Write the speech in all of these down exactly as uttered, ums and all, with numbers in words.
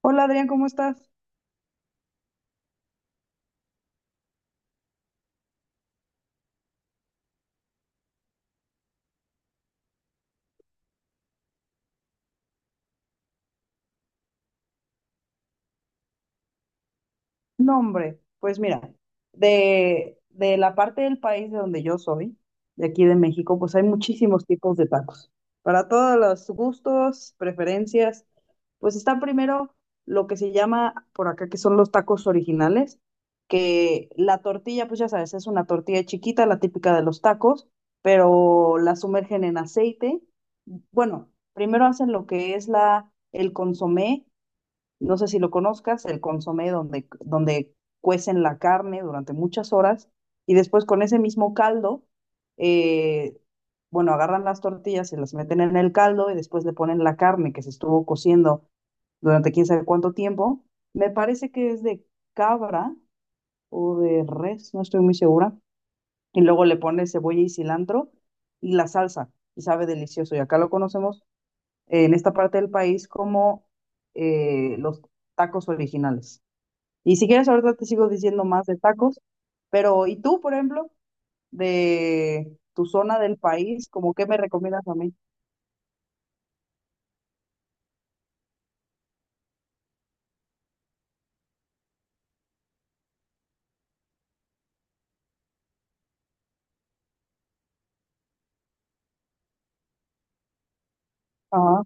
Hola Adrián, ¿cómo estás? No, hombre, pues mira, de, de la parte del país de donde yo soy, de aquí de México, pues hay muchísimos tipos de tacos. Para todos los gustos, preferencias, pues está primero lo que se llama por acá, que son los tacos originales, que la tortilla, pues ya sabes, es una tortilla chiquita, la típica de los tacos, pero la sumergen en aceite. Bueno, primero hacen lo que es la, el consomé. No sé si lo conozcas, el consomé donde, donde cuecen la carne durante muchas horas y después con ese mismo caldo, eh, bueno, agarran las tortillas y las meten en el caldo y después le ponen la carne que se estuvo cociendo durante quién sabe cuánto tiempo. Me parece que es de cabra o de res, no estoy muy segura. Y luego le pones cebolla y cilantro y la salsa y sabe delicioso. Y acá lo conocemos en esta parte del país como eh, los tacos originales. Y si quieres, ahorita te sigo diciendo más de tacos, pero ¿y tú, por ejemplo, de tu zona del país, como qué me recomiendas a mí? Ajá.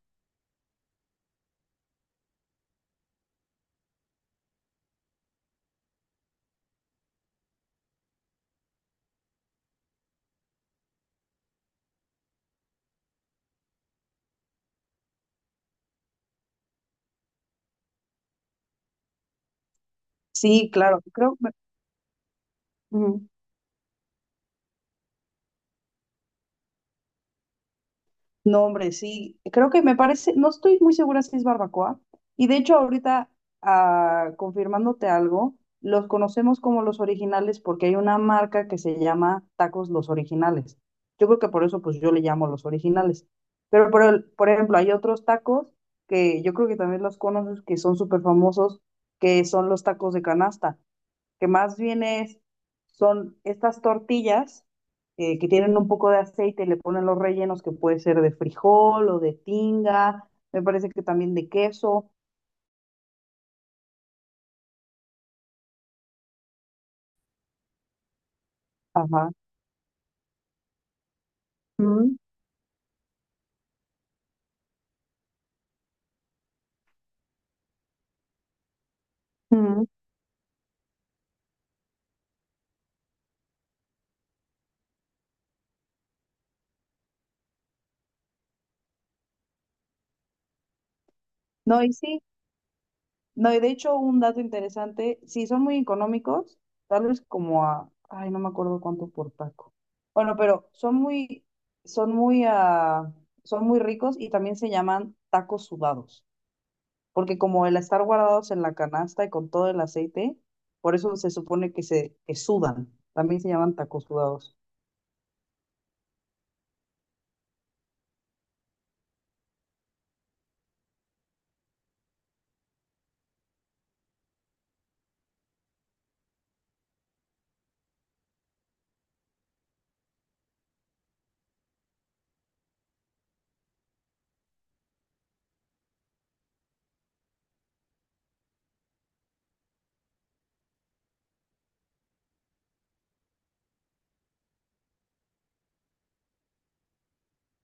Sí, claro, creo. Que- ujú. No, hombre, sí, creo que me parece, no estoy muy segura si es barbacoa. Y de hecho ahorita, ah, confirmándote algo, los conocemos como los originales porque hay una marca que se llama Tacos Los Originales. Yo creo que por eso pues yo le llamo los originales. Pero por, el- por ejemplo, hay otros tacos que yo creo que también los conoces, que son súper famosos, que son los tacos de canasta, que más bien es, son estas tortillas eh, que tienen un poco de aceite y le ponen los rellenos que puede ser de frijol o de tinga, me parece que también de queso. Ajá. Mm, mm. No, y sí, no, y de hecho un dato interesante, sí, son muy económicos, tal vez como a, ay, no me acuerdo cuánto por taco. Bueno, pero son muy, son muy, ah, son muy ricos y también se llaman tacos sudados, porque como el estar guardados en la canasta y con todo el aceite, por eso se supone que se que sudan, también se llaman tacos sudados.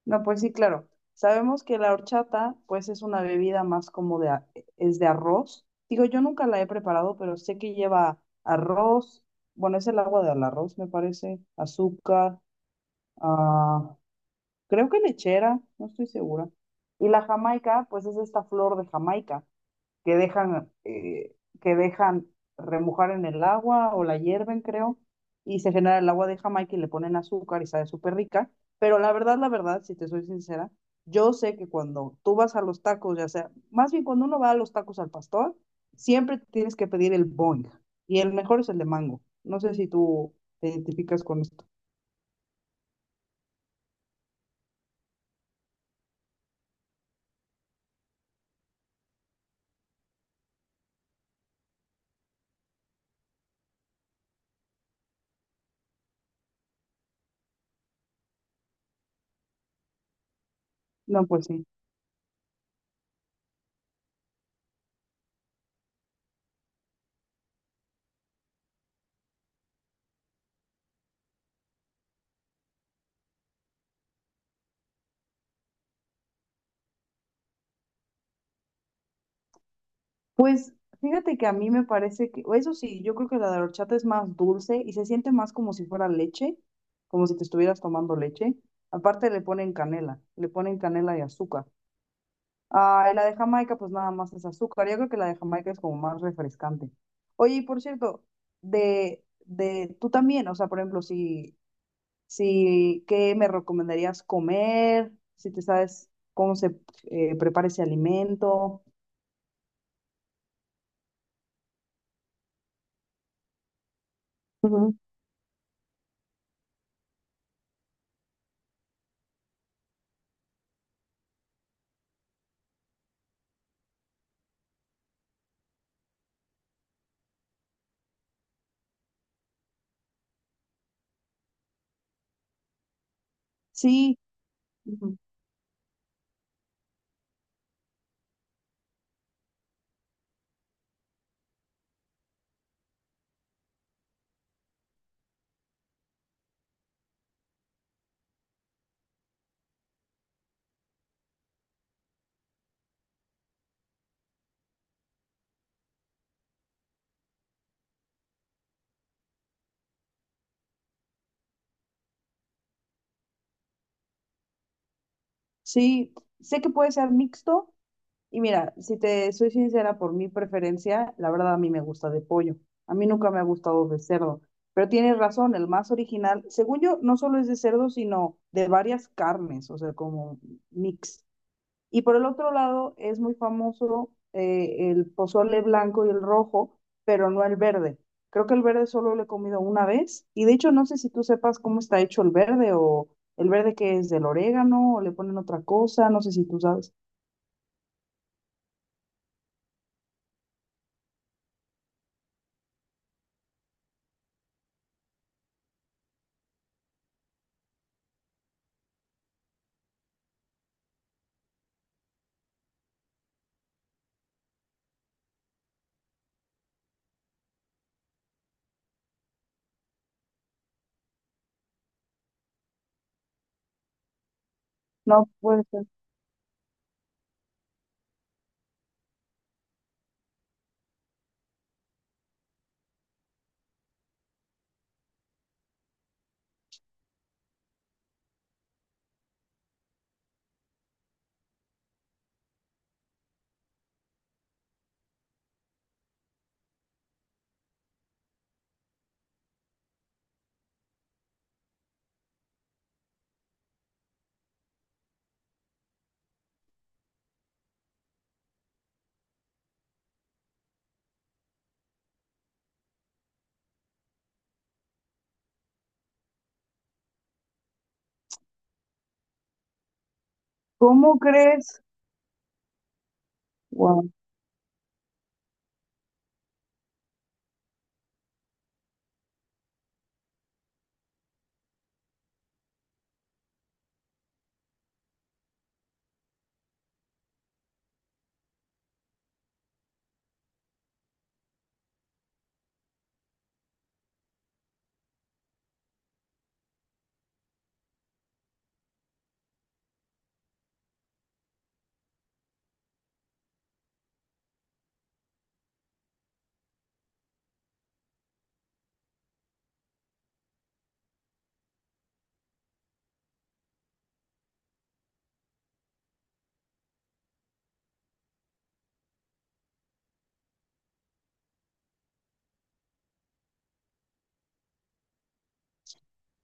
No, pues sí, claro. Sabemos que la horchata, pues es una bebida más como de, a- es de arroz. Digo, yo nunca la he preparado, pero sé que lleva arroz, bueno, es el agua del arroz, me parece, azúcar, ah, creo que lechera, no estoy segura. Y la jamaica, pues es esta flor de Jamaica, que dejan, eh, que dejan remojar en el agua o la hierven, creo, y se genera el agua de Jamaica y le ponen azúcar y sabe súper rica. Pero la verdad, la verdad, si te soy sincera, yo sé que cuando tú vas a los tacos, ya sea, más bien cuando uno va a los tacos al pastor, siempre tienes que pedir el boing. Y el mejor es el de mango. No sé si tú te identificas con esto. No, pues sí. Pues fíjate que a mí me parece que, eso sí, yo creo que la de horchata es más dulce y se siente más como si fuera leche, como si te estuvieras tomando leche. Aparte le ponen canela, le ponen canela y azúcar. Ah, y la de Jamaica pues nada más es azúcar. Yo creo que la de Jamaica es como más refrescante. Oye, y por cierto, de, de, tú también, o sea, por ejemplo, si, si, ¿qué me recomendarías comer? Si te sabes cómo se eh, prepara ese alimento. Ujú. Sí. Sí, sé que puede ser mixto y mira, si te soy sincera por mi preferencia, la verdad a mí me gusta de pollo. A mí nunca me ha gustado de cerdo, pero tienes razón, el más original, según yo, no solo es de cerdo, sino de varias carnes, o sea, como mix. Y por el otro lado es muy famoso eh, el pozole blanco y el rojo, pero no el verde. Creo que el verde solo lo he comido una vez y de hecho no sé si tú sepas cómo está hecho el verde o el verde que es del orégano o le ponen otra cosa, no sé si tú sabes. No puede ser. ¿Cómo crees? Guau.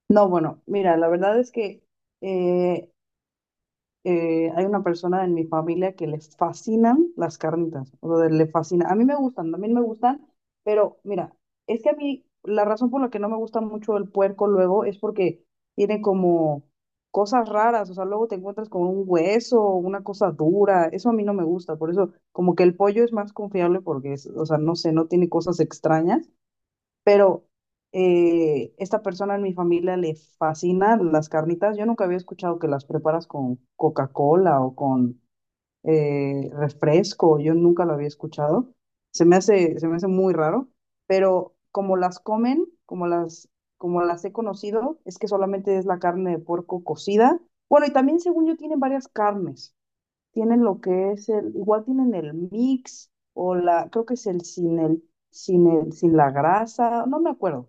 No, bueno, mira, la verdad es que eh, eh, hay una persona en mi familia que le fascinan las carnitas, o sea, le fascina. A mí me gustan, también me gustan, pero mira, es que a mí la razón por la que no me gusta mucho el puerco luego es porque tiene como cosas raras, o sea, luego te encuentras con un hueso, una cosa dura, eso a mí no me gusta, por eso como que el pollo es más confiable porque es, o sea, no sé, no tiene cosas extrañas, pero eh, esta persona en mi familia le fascina las carnitas. Yo nunca había escuchado que las preparas con Coca-Cola o con eh, refresco, yo nunca lo había escuchado. Se me hace, se me hace muy raro, pero como las comen, como las, como las he conocido, es que solamente es la carne de puerco cocida. Bueno, y también según yo tienen varias carnes, tienen lo que es el, igual tienen el mix o la, creo que es el sin el, sin el, sin la grasa, no me acuerdo,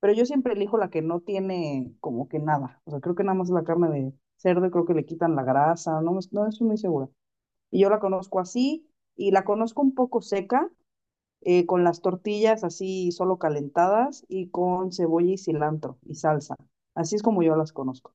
pero yo siempre elijo la que no tiene como que nada, o sea, creo que nada más la carne de cerdo, y creo que le quitan la grasa, no, me- no estoy muy segura. Y yo la conozco así y la conozco un poco seca, eh, con las tortillas así solo calentadas y con cebolla y cilantro y salsa. Así es como yo las conozco.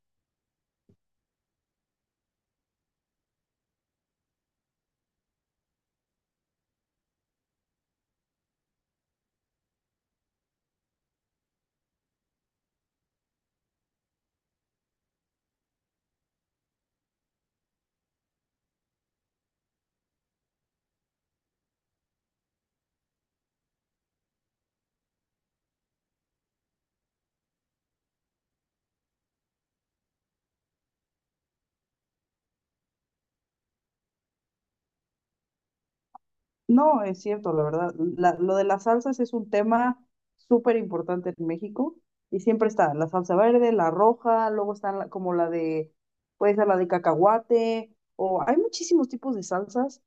No, es cierto, la verdad. La- lo de las salsas es un tema súper importante en México y siempre está la salsa verde, la roja, luego está la- como la de, puede ser la de cacahuate, o hay muchísimos tipos de salsas.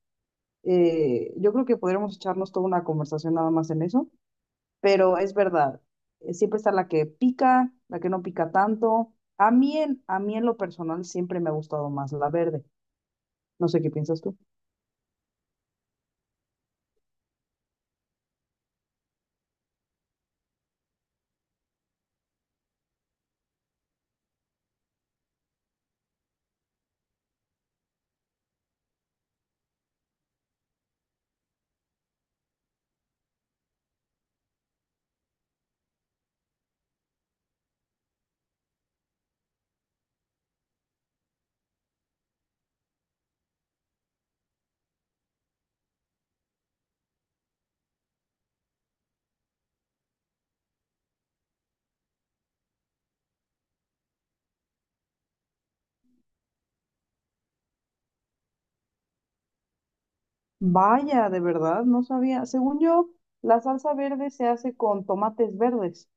eh, yo creo que podríamos echarnos toda una conversación nada más en eso, pero es verdad, eh, siempre está la que pica, la que no pica tanto. A mí en, a mí en lo personal siempre me ha gustado más la verde. No sé qué piensas tú. Vaya, de verdad, no sabía. Según yo, la salsa verde se hace con tomates verdes.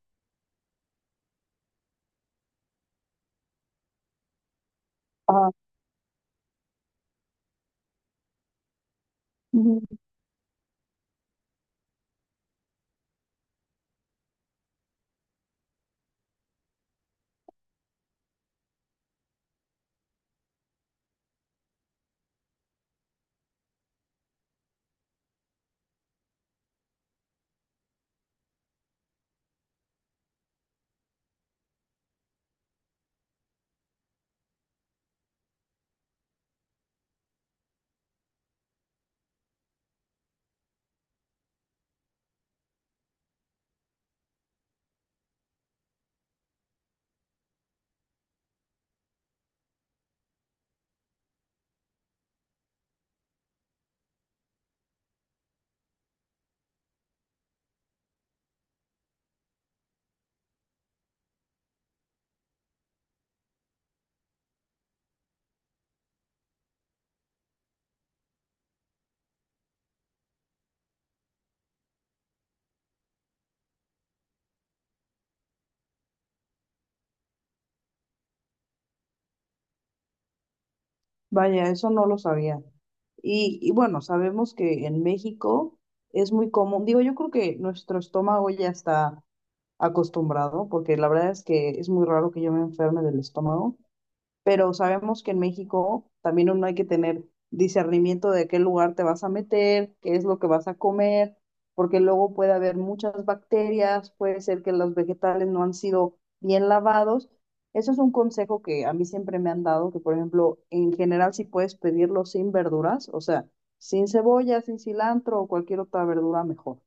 Ujú. Vaya, eso no lo sabía. Y, y bueno, sabemos que en México es muy común, digo, yo creo que nuestro estómago ya está acostumbrado, porque la verdad es que es muy raro que yo me enferme del estómago, pero sabemos que en México también uno hay que tener discernimiento de qué lugar te vas a meter, qué es lo que vas a comer, porque luego puede haber muchas bacterias, puede ser que los vegetales no han sido bien lavados. Eso es un consejo que a mí siempre me han dado, que por ejemplo, en general si puedes pedirlo sin verduras, o sea, sin cebolla, sin cilantro o cualquier otra verdura mejor.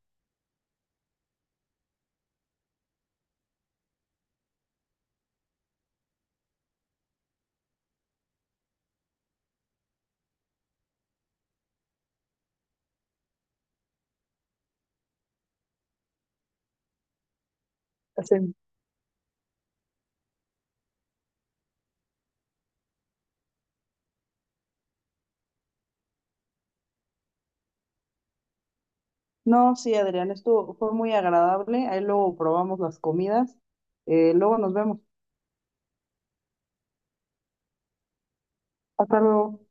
Sí. No, sí, Adrián, esto fue muy agradable. Ahí luego probamos las comidas. Eh, luego nos vemos. Hasta luego.